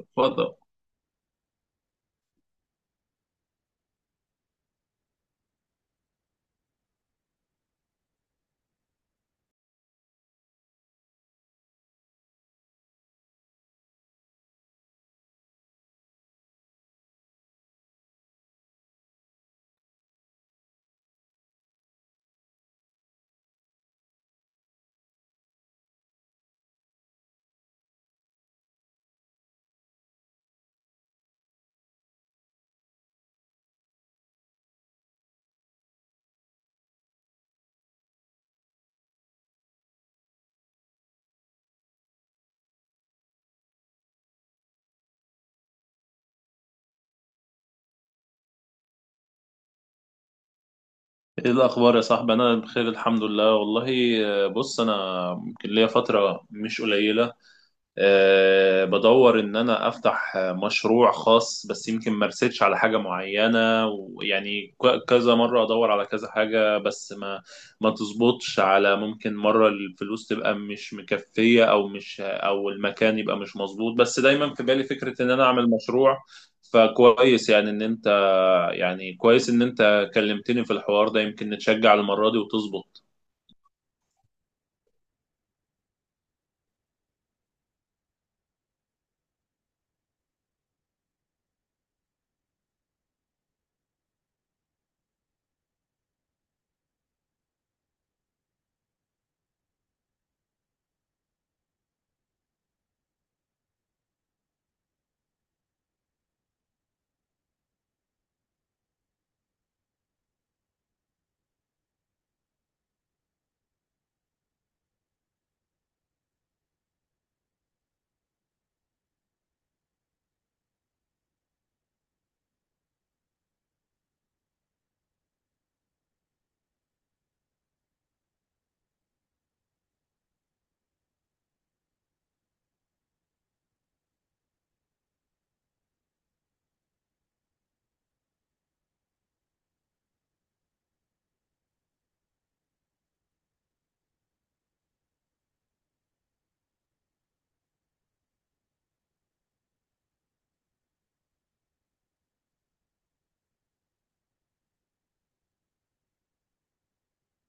اتفضل. ايه الاخبار يا صاحبي؟ انا بخير الحمد لله والله. بص انا يمكن ليا فتره مش قليله، بدور ان انا افتح مشروع خاص، بس يمكن ما رسيتش على حاجه معينه، ويعني كذا مره ادور على كذا حاجه، بس ما تظبطش على، ممكن مره الفلوس تبقى مش مكفيه او مش، او المكان يبقى مش مظبوط، بس دايما في بالي فكره ان انا اعمل مشروع. فكويس يعني ان انت، يعني كويس ان انت كلمتني في الحوار ده، يمكن نتشجع المرة دي وتظبط.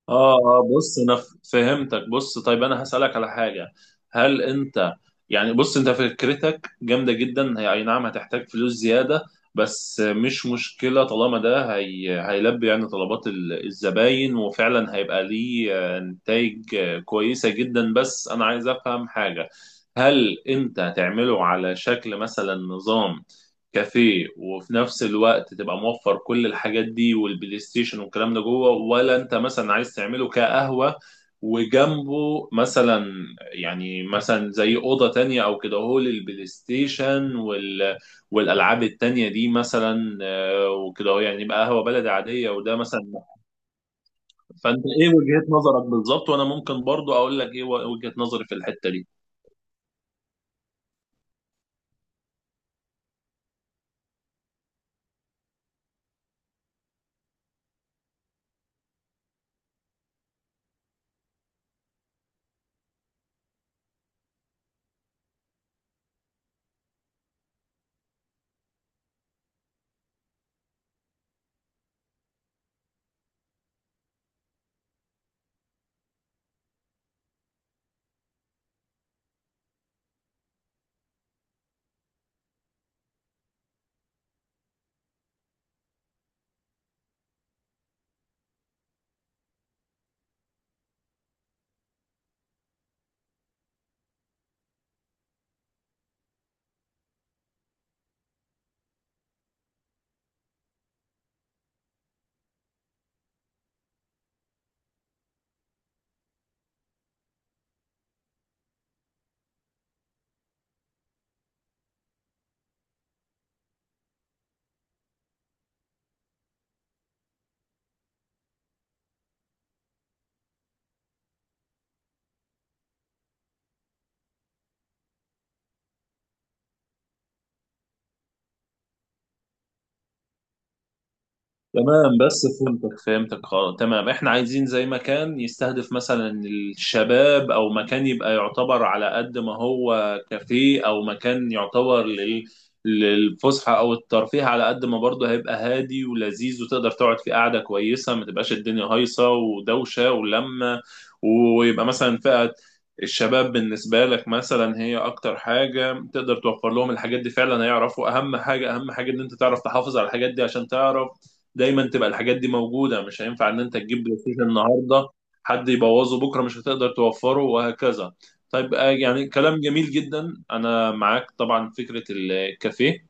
اه اه، بص انا فهمتك. بص طيب، انا هسألك على حاجة، هل انت يعني، بص انت فكرتك جامدة جدا، هي اي نعم هتحتاج فلوس زيادة، بس مش مشكلة طالما ده هي هيلبي يعني طلبات الزباين، وفعلا هيبقى ليه نتائج كويسة جدا. بس انا عايز افهم حاجة، هل انت هتعمله على شكل مثلا نظام كافيه، وفي نفس الوقت تبقى موفر كل الحاجات دي والبلاي ستيشن والكلام ده جوه، ولا انت مثلا عايز تعمله كقهوة وجنبه مثلا، يعني مثلا زي أوضة تانية أو كده هو للبلاي ستيشن والألعاب التانية دي مثلا، وكده هو يعني يبقى قهوة بلدي عادية وده مثلا. فأنت إيه وجهة نظرك بالظبط؟ وأنا ممكن برضو أقول لك إيه وجهة نظري في الحتة دي. تمام، بس فهمتك خلاص تمام، احنا عايزين زي مكان يستهدف مثلا الشباب، او مكان يبقى يعتبر على قد ما هو كافيه، او مكان يعتبر للفسحة او الترفيه، على قد ما برضه هيبقى هادي ولذيذ وتقدر تقعد في قعدة كويسة، ما تبقاش الدنيا هايصة ودوشة ولمة. ويبقى مثلا فئة الشباب بالنسبة لك مثلا هي أكتر حاجة تقدر توفر لهم الحاجات دي، فعلا هيعرفوا أهم حاجة. أهم حاجة إن أنت تعرف تحافظ على الحاجات دي، عشان تعرف دايما تبقى الحاجات دي موجوده، مش هينفع ان انت تجيب بلاي ستيشن النهارده حد يبوظه بكره مش هتقدر توفره، وهكذا. طيب يعني كلام جميل جدا، انا معاك طبعا فكره الكافيه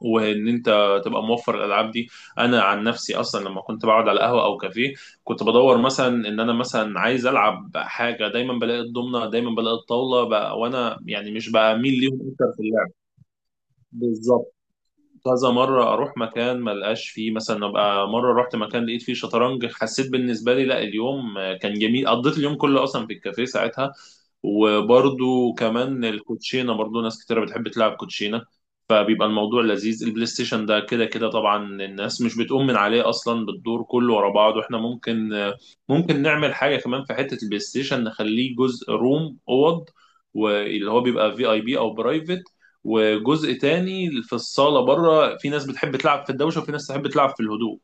وان انت تبقى موفر الالعاب دي. انا عن نفسي اصلا لما كنت بقعد على قهوه او كافيه، كنت بدور مثلا ان انا مثلا عايز العب حاجه، دايما بلاقي الضمنه، دايما بلاقي الطاوله بقى، وانا يعني مش بميل ليهم اكتر في اللعب. بالظبط، كذا مرة أروح مكان ما لقاش فيه مثلا، أبقى مرة رحت مكان لقيت فيه شطرنج، حسيت بالنسبة لي لا اليوم كان جميل، قضيت اليوم كله أصلا في الكافيه ساعتها. وبرضو كمان الكوتشينة، برضو ناس كتيرة بتحب تلعب كوتشينة، فبيبقى الموضوع لذيذ. البلاي ستيشن ده كده كده طبعا الناس مش بتقوم من عليه أصلا، بالدور كله ورا بعض، وإحنا ممكن نعمل حاجة كمان في حتة البلاي ستيشن، نخليه جزء روم أوض، واللي هو بيبقى في اي بي او برايفت، وجزء تاني في الصاله بره، في ناس بتحب تلعب في الدوشه وفي ناس تحب تلعب في الهدوء.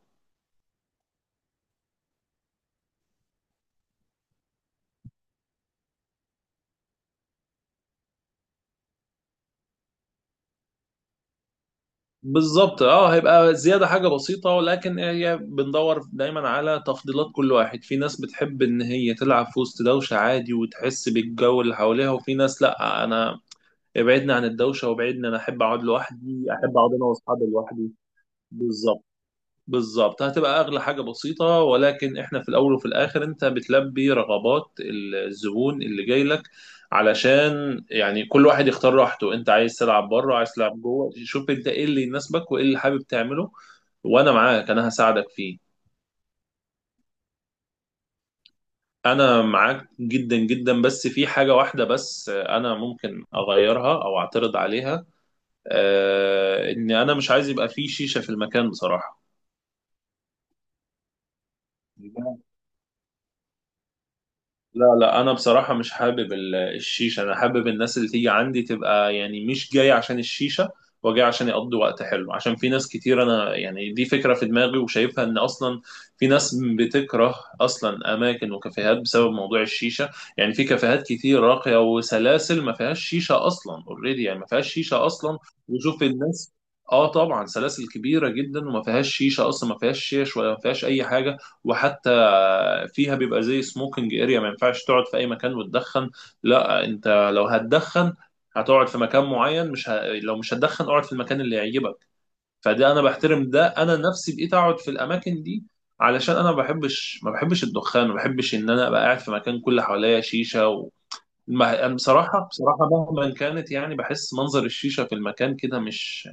بالظبط اه، هيبقى زياده حاجه بسيطه، ولكن هي بندور دايما على تفضيلات كل واحد، في ناس بتحب ان هي تلعب في وسط دوشه عادي وتحس بالجو اللي حواليها، وفي ناس لا، انا ابعدني عن الدوشه وابعدني، انا احب اقعد لوحدي، احب اقعد انا واصحابي لوحدي. بالظبط، بالظبط، هتبقى اغلى حاجه بسيطه، ولكن احنا في الاول وفي الاخر انت بتلبي رغبات الزبون اللي جاي لك، علشان يعني كل واحد يختار راحته، انت عايز تلعب بره عايز تلعب جوه، شوف انت ايه اللي يناسبك وايه اللي حابب تعمله، وانا معاك، انا هساعدك فيه. انا معاك جدا جدا، بس في حاجه واحده بس انا ممكن اغيرها او اعترض عليها، آه ان انا مش عايز يبقى في شيشه في المكان بصراحه. لا لا، انا بصراحه مش حابب الشيشه، انا حابب الناس اللي تيجي عندي تبقى يعني مش جاي عشان الشيشه، وجاي عشان يقضوا وقت حلو، عشان في ناس كتير، انا يعني دي فكره في دماغي وشايفها، ان اصلا في ناس بتكره اصلا اماكن وكافيهات بسبب موضوع الشيشه. يعني في كافيهات كتير راقيه وسلاسل ما فيهاش شيشه اصلا، اوريدي يعني ما فيهاش شيشه اصلا، وشوف الناس. اه طبعا، سلاسل كبيره جدا وما فيهاش شيشه اصلا، ما فيهاش شيش ولا ما فيهاش اي حاجه. وحتى فيها بيبقى زي سموكينج اريا، ما ينفعش تقعد في اي مكان وتدخن، لا انت لو هتدخن هتقعد في مكان معين، مش ه... لو مش هتدخن اقعد في المكان اللي يعجبك. فده انا بحترم، ده انا نفسي بقيت اقعد في الاماكن دي، علشان انا ما بحبش، ما بحبش الدخان، ما بحبش ان انا ابقى قاعد في مكان كل حواليا شيشه أنا بصراحة بصراحة مهما كانت، يعني بحس منظر الشيشة في المكان كده مش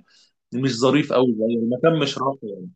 مش ظريف قوي، يعني المكان مش راقي.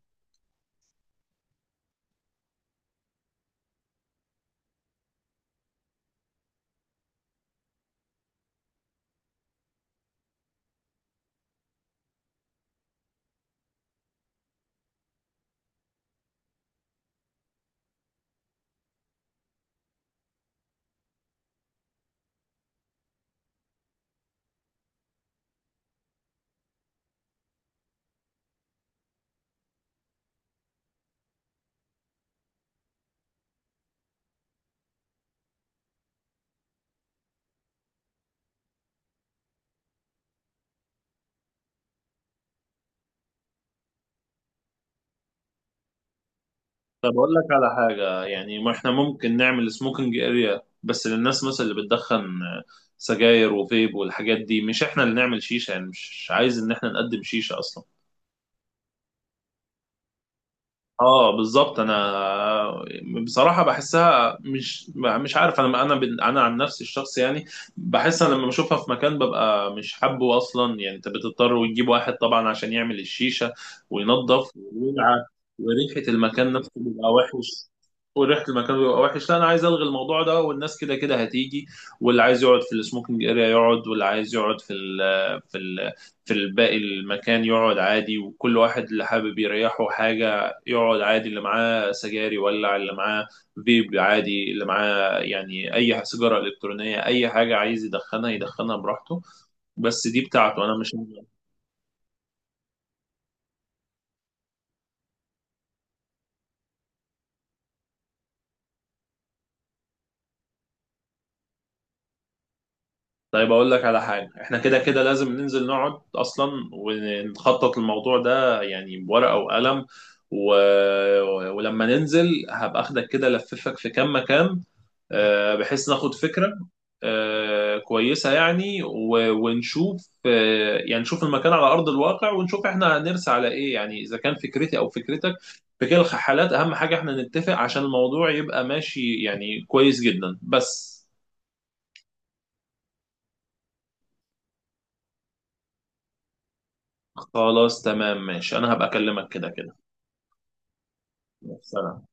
طب أقول لك على حاجة، يعني ما إحنا ممكن نعمل سموكينج أريا بس للناس مثلا اللي بتدخن سجاير وفيب والحاجات دي، مش إحنا اللي نعمل شيشة، يعني مش عايز إن إحنا نقدم شيشة أصلا. اه بالظبط، انا بصراحه بحسها مش عارف، انا عن نفسي الشخص يعني، بحس انا لما بشوفها في مكان ببقى مش حابه اصلا. يعني انت بتضطر وتجيب واحد طبعا عشان يعمل الشيشه وينظف ويلعب، وريحه المكان نفسه بيبقى وحش، وريحه المكان بيبقى وحش، لا انا عايز الغي الموضوع ده، والناس كده كده هتيجي، واللي عايز يقعد في السموكينج اريا يقعد، واللي عايز يقعد في ال في الباقي المكان يقعد عادي، وكل واحد اللي حابب يريحه حاجه يقعد عادي، اللي معاه سجاير يولع، اللي معاه فيب عادي، اللي معاه يعني اي سيجاره الكترونيه اي حاجه عايز يدخنها يدخنها براحته، بس دي بتاعته انا مش. طيب اقول لك على حاجه، احنا كده كده لازم ننزل نقعد اصلا ونخطط الموضوع ده يعني بورقه وقلم و... ولما ننزل هبقى اخدك كده لففك في كام مكان، بحيث ناخد فكرة كويسة يعني، ونشوف يعني نشوف المكان على أرض الواقع، ونشوف احنا هنرسى على إيه، يعني إذا كان فكرتي أو فكرتك، في كلا الحالات أهم حاجة احنا نتفق عشان الموضوع يبقى ماشي يعني كويس جدا، بس. خلاص تمام ماشي، أنا هبقى أكلمك كده كده. سلام.